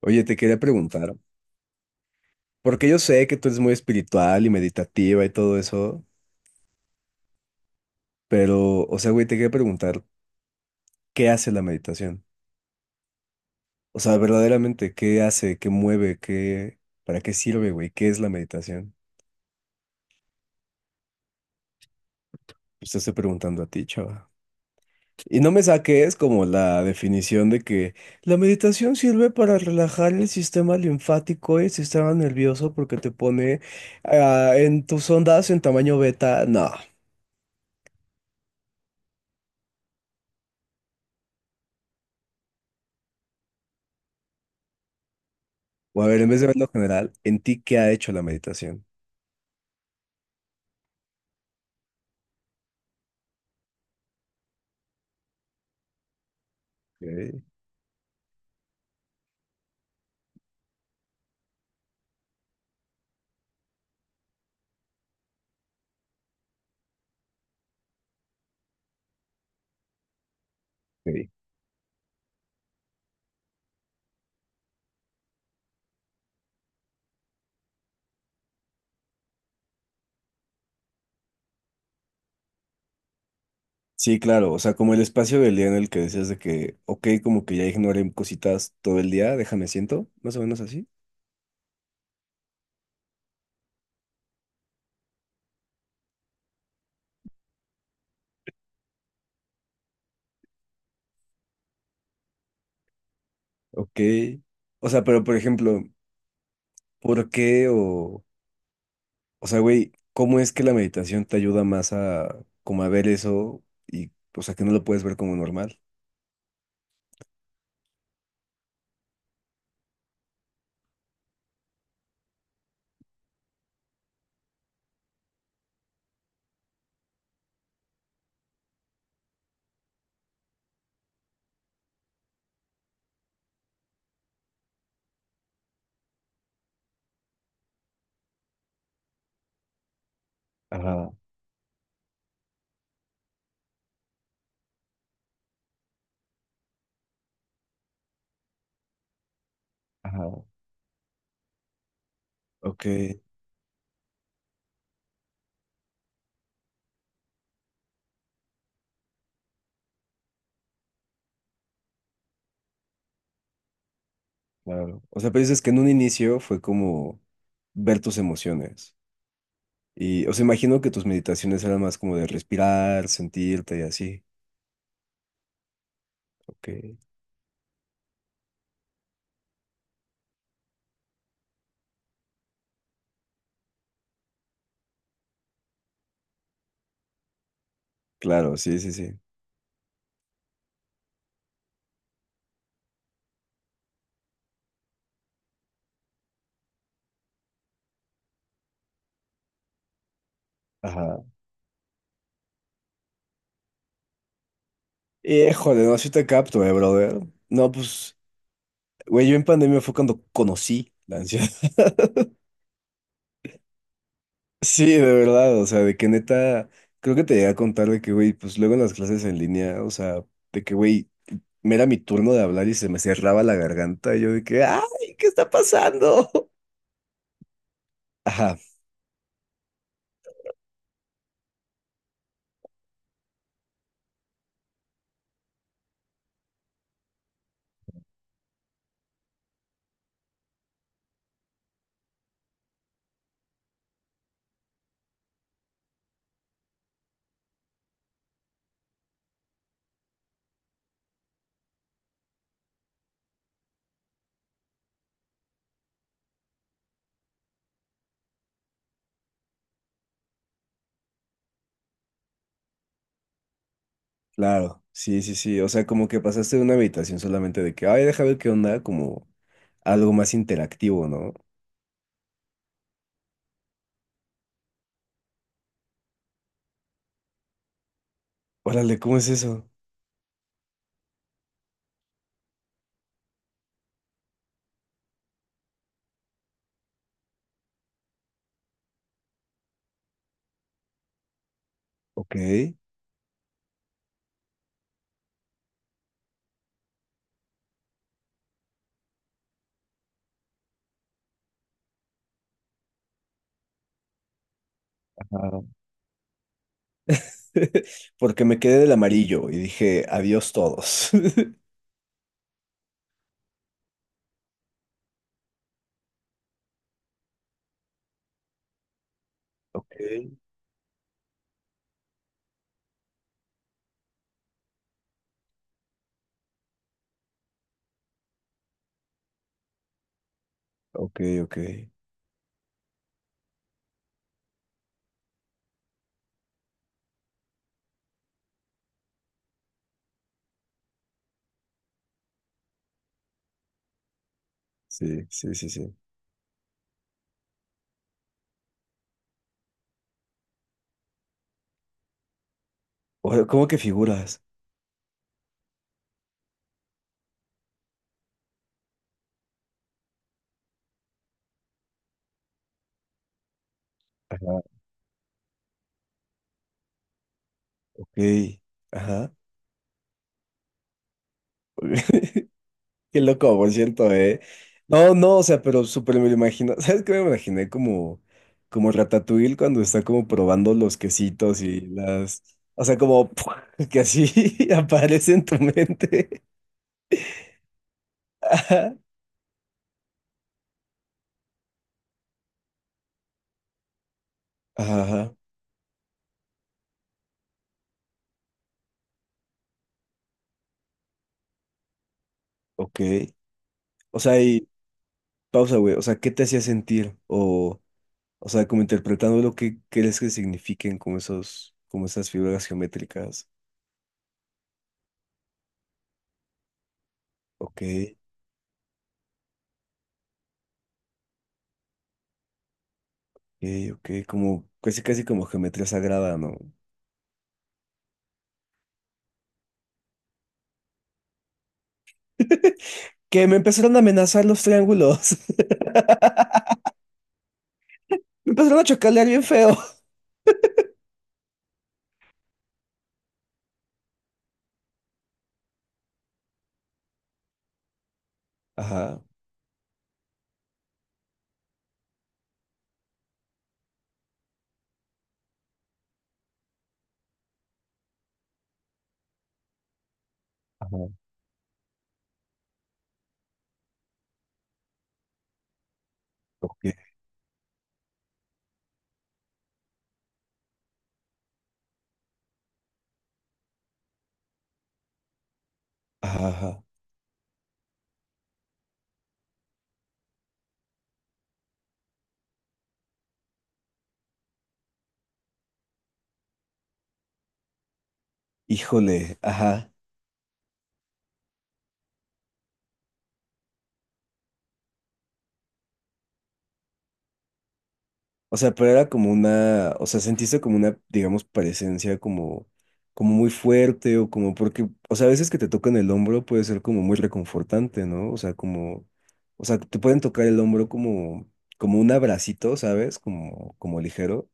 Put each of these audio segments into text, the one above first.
Oye, te quería preguntar, porque yo sé que tú eres muy espiritual y meditativa y todo eso, pero, o sea, güey, te quería preguntar, ¿qué hace la meditación? O sea, verdaderamente, ¿qué hace? ¿Qué mueve? ¿Qué, para qué sirve, güey? ¿Qué es la meditación? Pues te estoy preguntando a ti, chava. Y no me saques como la definición de que la meditación sirve para relajar el sistema linfático y el sistema nervioso porque te pone en tus ondas en tamaño beta. No. O a ver, en vez de verlo general, ¿en ti qué ha hecho la meditación? Ok, ok. Sí, claro, o sea, como el espacio del día en el que decías de que, ok, como que ya ignoré cositas todo el día, déjame siento, más o menos así. Ok. O sea, pero por ejemplo, ¿por qué o sea, güey, cómo es que la meditación te ayuda más a, como a ver eso y, o sea, que no lo puedes ver como normal? Ajá, ajá. Ok, claro. O sea, pero dices que en un inicio fue como ver tus emociones. Y, o sea, imagino que tus meditaciones eran más como de respirar, sentirte y así. Ok. Claro, sí, sí, sí. Ajá. Híjole, no, sí te capto, brother. No, pues, güey, yo en pandemia fue cuando conocí la ansiedad. Sí, de verdad, o sea, de que neta, creo que te llegué a contar de que, güey, pues luego en las clases en línea, o sea, de que, güey, me era mi turno de hablar y se me cerraba la garganta y yo de que, ay, ¿qué está pasando? Ajá, claro, sí, sí, sí. O sea, como que pasaste de una habitación solamente de que, ay, deja ver qué onda, como algo más interactivo, ¿no? Órale, ¿cómo es eso? Ok. Ajá. Porque me quedé del amarillo y dije, adiós todos. Ok, ok, ok. Sí, sí, sí, sí. O- ¿Cómo que figuras? Ajá, ok. Ajá. Qué loco, por cierto, ¿eh? No, no, o sea, pero súper me lo imagino. ¿Sabes qué me imaginé? Como, como Ratatouille cuando está como probando los quesitos y las... O sea, como que así aparece en tu mente. Ajá, ajá, ok. O sea, y pausa, güey. O sea, ¿qué te hacía sentir? O sea, como interpretando lo que crees que signifiquen como esos, como esas figuras geométricas. Ok, ok, ok. Como, casi, casi como geometría sagrada, ¿no? Que me empezaron a amenazar los triángulos. Me empezaron a chocalear bien feo. Ajá, ajá, ok, ajá, ajá. Híjole, ajá. O sea, pero era como una, o sea, sentiste como una, digamos, presencia como, como muy fuerte o como porque, o sea, a veces que te tocan el hombro puede ser como muy reconfortante, ¿no? O sea, como, o sea, te pueden tocar el hombro como, como un abracito, ¿sabes? Como, como ligero.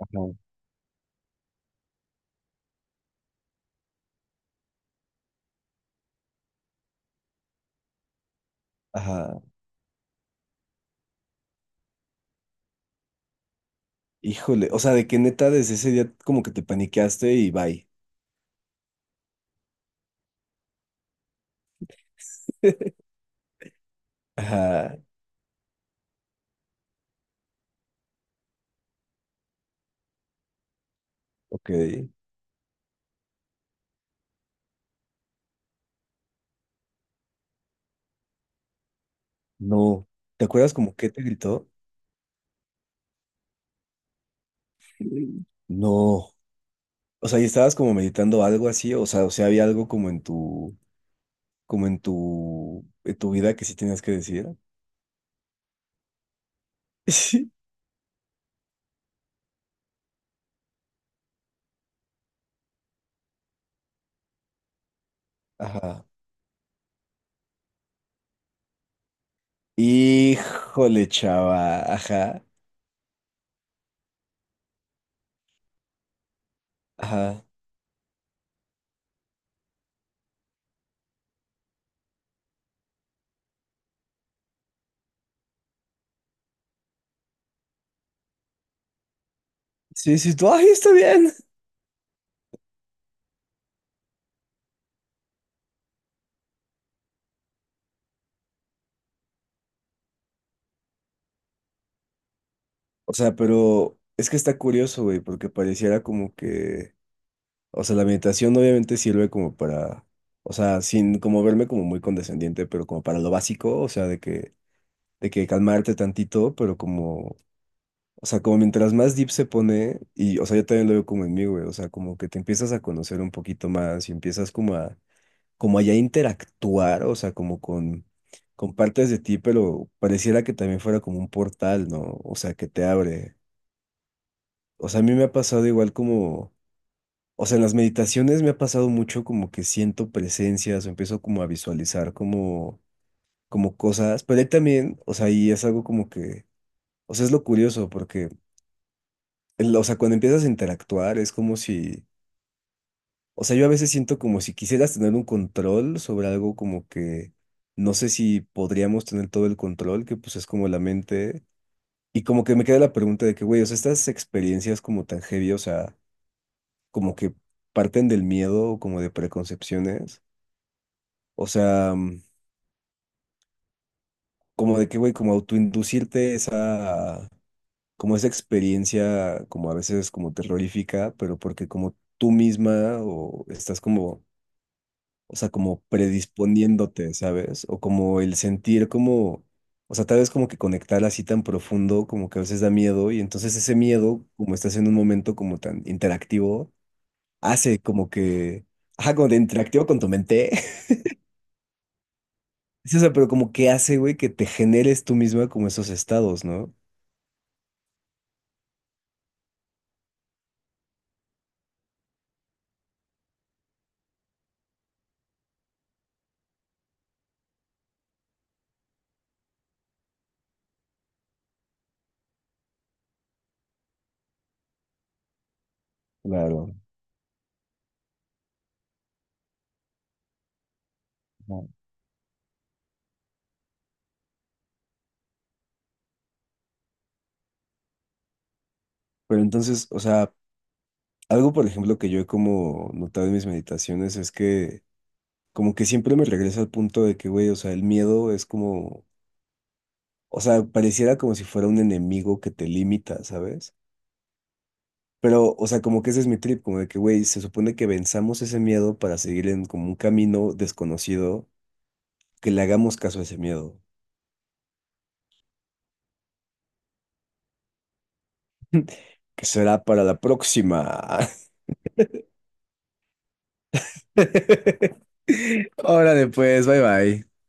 Ajá. Ajá. Híjole, o sea, de que neta desde ese día como que te paniqueaste y bye. Ajá, ok. No. ¿Te acuerdas como qué te gritó? Mm. No. O sea, y estabas como meditando algo así, o sea, había algo como en tu vida que sí tenías que decir. Sí. Ajá. Híjole, chava. Ajá. Ajá. Sí, sí, tú, ay, está bien. O sea, pero es que está curioso, güey, porque pareciera como que o sea, la meditación obviamente sirve como para, o sea, sin como verme como muy condescendiente, pero como para lo básico, o sea, de que calmarte tantito, pero como, o sea, como mientras más deep se pone, y, o sea, yo también lo veo como en mí, güey, o sea, como que te empiezas a conocer un poquito más y empiezas como a, como a ya interactuar, o sea, como con partes de ti, pero pareciera que también fuera como un portal, ¿no? O sea, que te abre. O sea, a mí me ha pasado igual como o sea, en las meditaciones me ha pasado mucho como que siento presencias o empiezo como a visualizar como, como cosas, pero ahí también, o sea, ahí es algo como que, o sea, es lo curioso porque, el- o sea, cuando empiezas a interactuar es como si, o sea, yo a veces siento como si quisieras tener un control sobre algo como que, no sé si podríamos tener todo el control, que pues es como la mente, y como que me queda la pregunta de que, güey, o sea, estas experiencias como tan heavy, o sea, como que parten del miedo o como de preconcepciones. O sea, mm, como de que, güey, como autoinducirte esa, como esa experiencia, como a veces como terrorífica, pero porque como tú misma o estás como, o sea, como predisponiéndote, ¿sabes? O como el sentir como, o sea, tal vez como que conectar así tan profundo, como que a veces da miedo y entonces ese miedo, como estás en un momento como tan interactivo, hace como que, ajá, como de interactivo con tu mente. Sí, o pero como que hace, güey, que te generes tú misma como esos estados, ¿no? Claro. No. Pero entonces, o sea, algo por ejemplo que yo he como notado en mis meditaciones es que como que siempre me regresa al punto de que, güey, o sea, el miedo es como, o sea, pareciera como si fuera un enemigo que te limita, ¿sabes? Pero, o sea, como que ese es mi trip, como de que, güey, se supone que venzamos ese miedo para seguir en como un camino desconocido, que le hagamos caso a ese miedo, que será para la próxima. Órale, pues, bye bye.